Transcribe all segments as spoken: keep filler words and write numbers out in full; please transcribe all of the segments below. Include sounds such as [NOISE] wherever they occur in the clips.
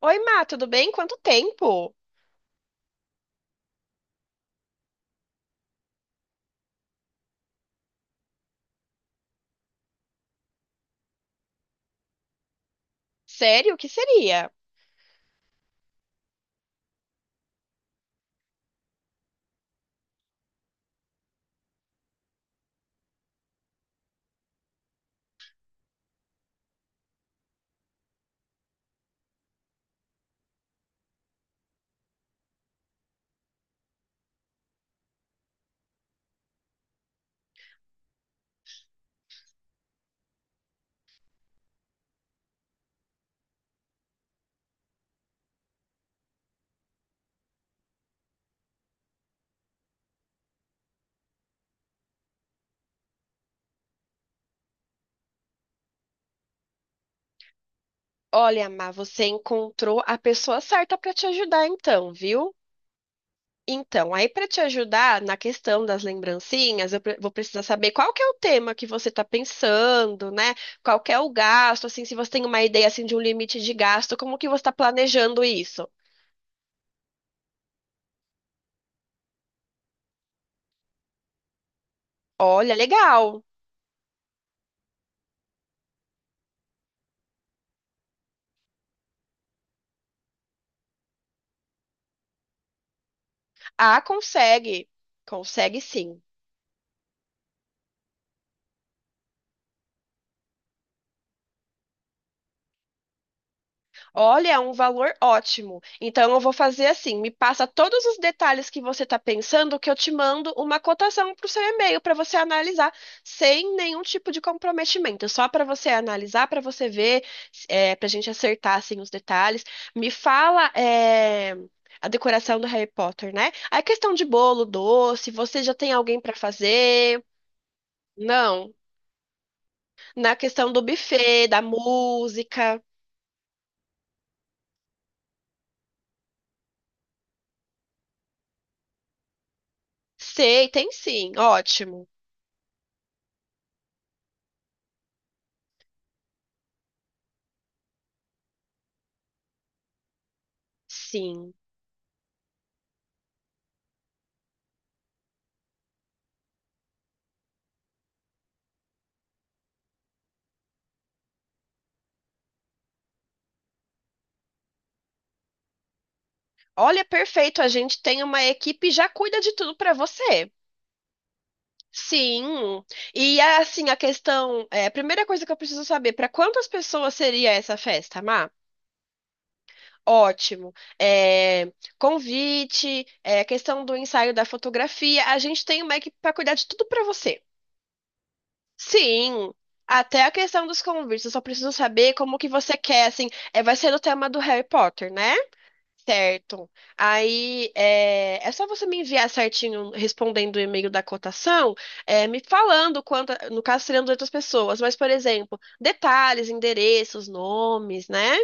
Oi, Má, tudo bem? Quanto tempo? Sério, o que seria? Olha, Má, você encontrou a pessoa certa para te ajudar, então, viu? Então, aí para te ajudar na questão das lembrancinhas, eu pre- vou precisar saber qual que é o tema que você está pensando, né? Qual que é o gasto, assim, se você tem uma ideia assim de um limite de gasto, como que você está planejando isso? Olha, legal. Ah, consegue. Consegue sim. Olha, é um valor ótimo. Então eu vou fazer assim, me passa todos os detalhes que você está pensando, que eu te mando uma cotação para o seu e-mail para você analisar sem nenhum tipo de comprometimento, só para você analisar, para você ver, para a gente acertar assim os detalhes. Me fala, é, a decoração do Harry Potter, né? A questão de bolo, doce, você já tem alguém para fazer? Não. Na questão do buffet, da música, sei, tem sim. Ótimo. Sim. Olha, perfeito. A gente tem uma equipe e já cuida de tudo para você. Sim. E assim, a questão, é, a primeira coisa que eu preciso saber, para quantas pessoas seria essa festa, Má? Ótimo. É, convite, é, questão do ensaio da fotografia. A gente tem uma equipe para cuidar de tudo para você. Sim. Até a questão dos convites. Eu só preciso saber como que você quer, assim, é, vai ser o tema do Harry Potter, né? Certo. Aí é, é só você me enviar certinho, respondendo o e-mail da cotação, é, me falando quanto, no caso seriam de outras pessoas, mas, por exemplo, detalhes, endereços, nomes, né?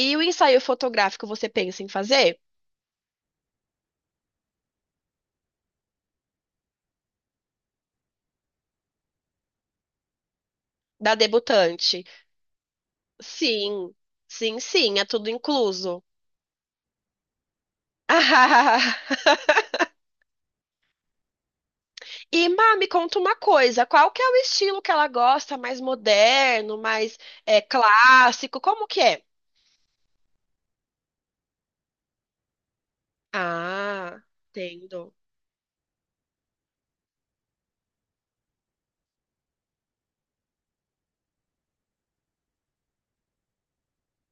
E o ensaio fotográfico você pensa em fazer? Da debutante? Sim, sim, sim, é tudo incluso. [LAUGHS] E, Má, me conta uma coisa, qual que é o estilo que ela gosta? Mais moderno, mais é, clássico? Como que é? Ah, entendo.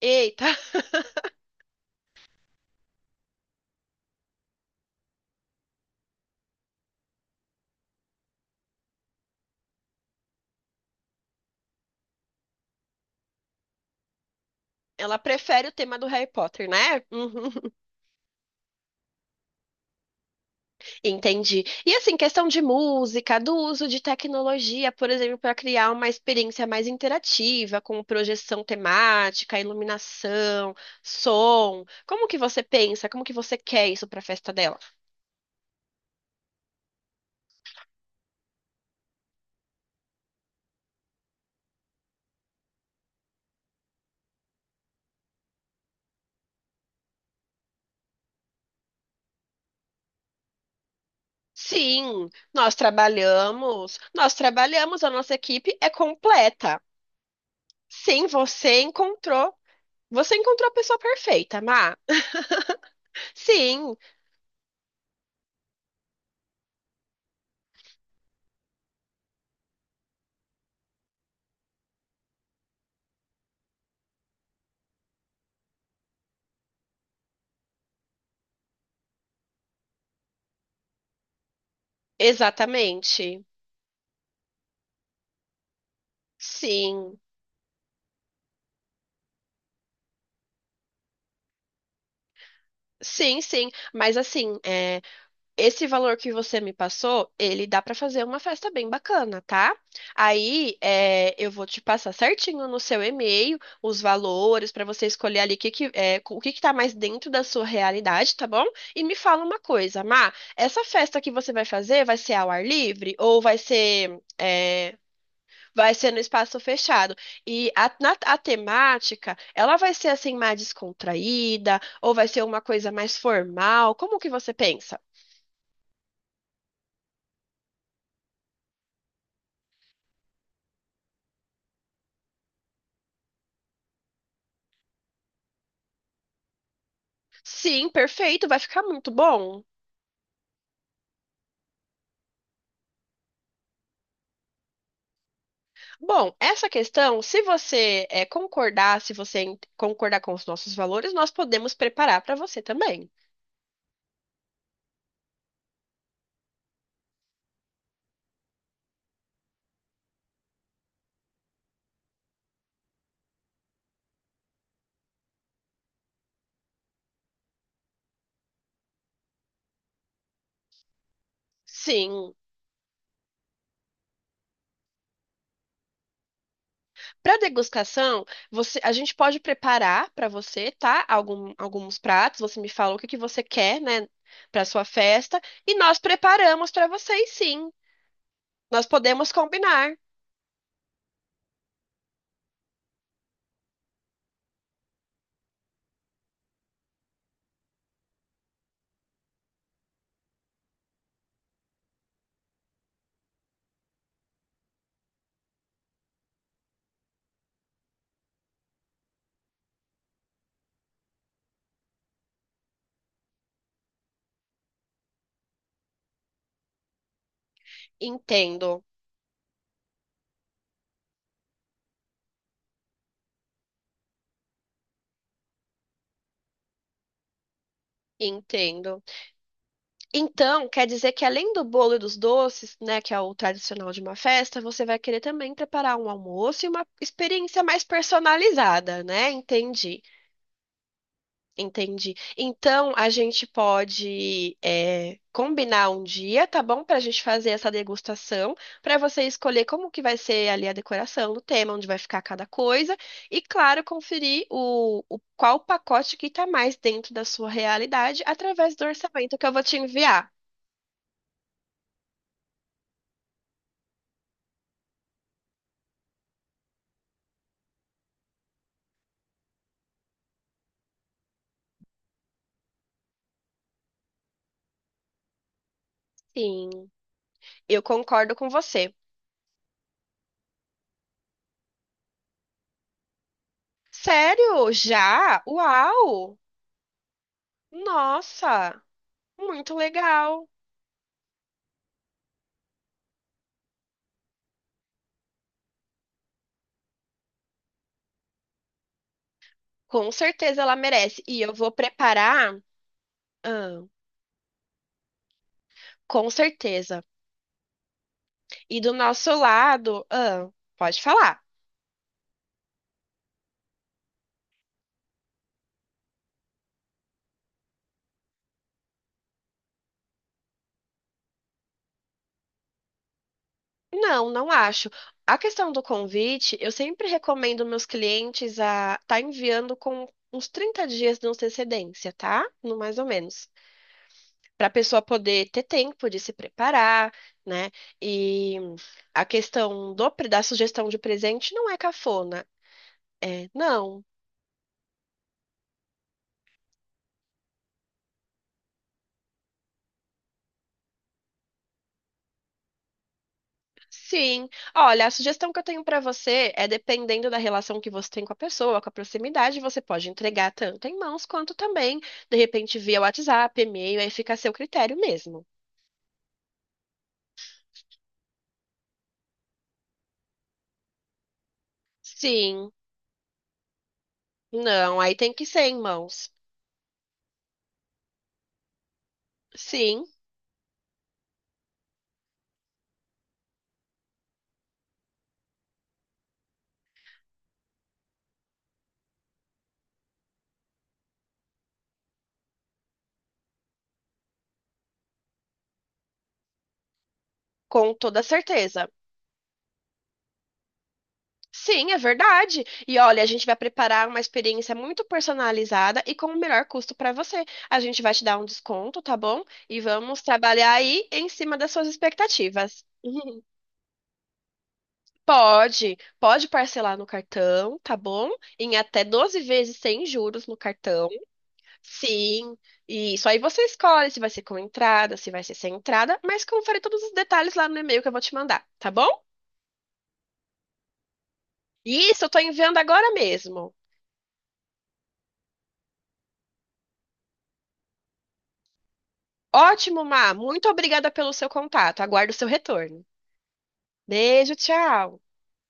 Eita! [LAUGHS] Ela prefere o tema do Harry Potter, né? [LAUGHS] Uhum. Entendi. E assim, questão de música, do uso de tecnologia, por exemplo, para criar uma experiência mais interativa, com projeção temática, iluminação, som. Como que você pensa? Como que você quer isso para a festa dela? Sim, nós trabalhamos, nós trabalhamos, a nossa equipe é completa. Sim, você encontrou, você encontrou a pessoa perfeita, Má. Sim, exatamente. Sim, sim, sim. Mas assim, é, esse valor que você me passou, ele dá pra fazer uma festa bem bacana, tá? Aí é, eu vou te passar certinho no seu e-mail os valores pra você escolher ali que que- é, o que que tá mais dentro da sua realidade, tá bom? E me fala uma coisa, Má, essa festa que você vai fazer vai ser ao ar livre ou vai ser é, vai ser no espaço fechado. E a, na- a temática, ela vai ser assim mais descontraída ou vai ser uma coisa mais formal? Como que você pensa? Sim, perfeito, vai ficar muito bom. Bom, essa questão, se você eh, concordar, se você en- concordar com os nossos valores, nós podemos preparar para você também. Sim. Para degustação, você- a gente pode preparar para você, tá? Algum- alguns pratos, você me fala o que que você quer, né, para sua festa, e nós preparamos para vocês, sim. Nós podemos combinar. Entendo, entendo. Então, quer dizer que além do bolo e dos doces, né, que é o tradicional de uma festa, você vai querer também preparar um almoço e uma experiência mais personalizada, né? Entendi. Entendi. Então, a gente pode é, combinar um dia, tá bom? Pra gente fazer essa degustação, pra você escolher como que vai ser ali a decoração o tema, onde vai ficar cada coisa. E, claro, conferir o, o- qual pacote que tá mais dentro da sua realidade através do orçamento que eu vou te enviar. Sim, eu concordo com você. Sério? Já? Uau! Nossa! Muito legal! Com certeza ela merece. E eu vou preparar. Ah, com certeza. E do nosso lado, ah, pode falar. Não, não acho. A questão do convite, eu sempre recomendo meus clientes a tá enviando com uns trinta dias de antecedência, tá? No mais ou menos. Para a pessoa poder ter tempo de se preparar, né? E a questão do, pre- da sugestão de presente não é cafona. É, não, sim. Olha, a sugestão que eu tenho para você é, dependendo da relação que você tem com a pessoa, com a proximidade, você pode entregar tanto em mãos quanto também, de repente, via WhatsApp, e-mail, aí fica a seu critério mesmo. Sim. Não, aí tem que ser em mãos. Sim, com toda certeza. Sim, é verdade. E olha, a gente vai preparar uma experiência muito personalizada e com o melhor custo para você. A gente vai te dar um desconto, tá bom? E vamos trabalhar aí em cima das suas expectativas. [LAUGHS] Pode, pode parcelar no cartão, tá bom? Em até doze vezes sem juros no cartão. Sim, e isso aí você escolhe se vai ser com entrada, se vai ser sem entrada, mas confere todos os detalhes lá no e-mail que eu vou te mandar, tá bom? Isso, eu tô enviando agora mesmo. Ótimo, Má, muito obrigada pelo seu contato. Aguardo o seu retorno. Beijo, tchau.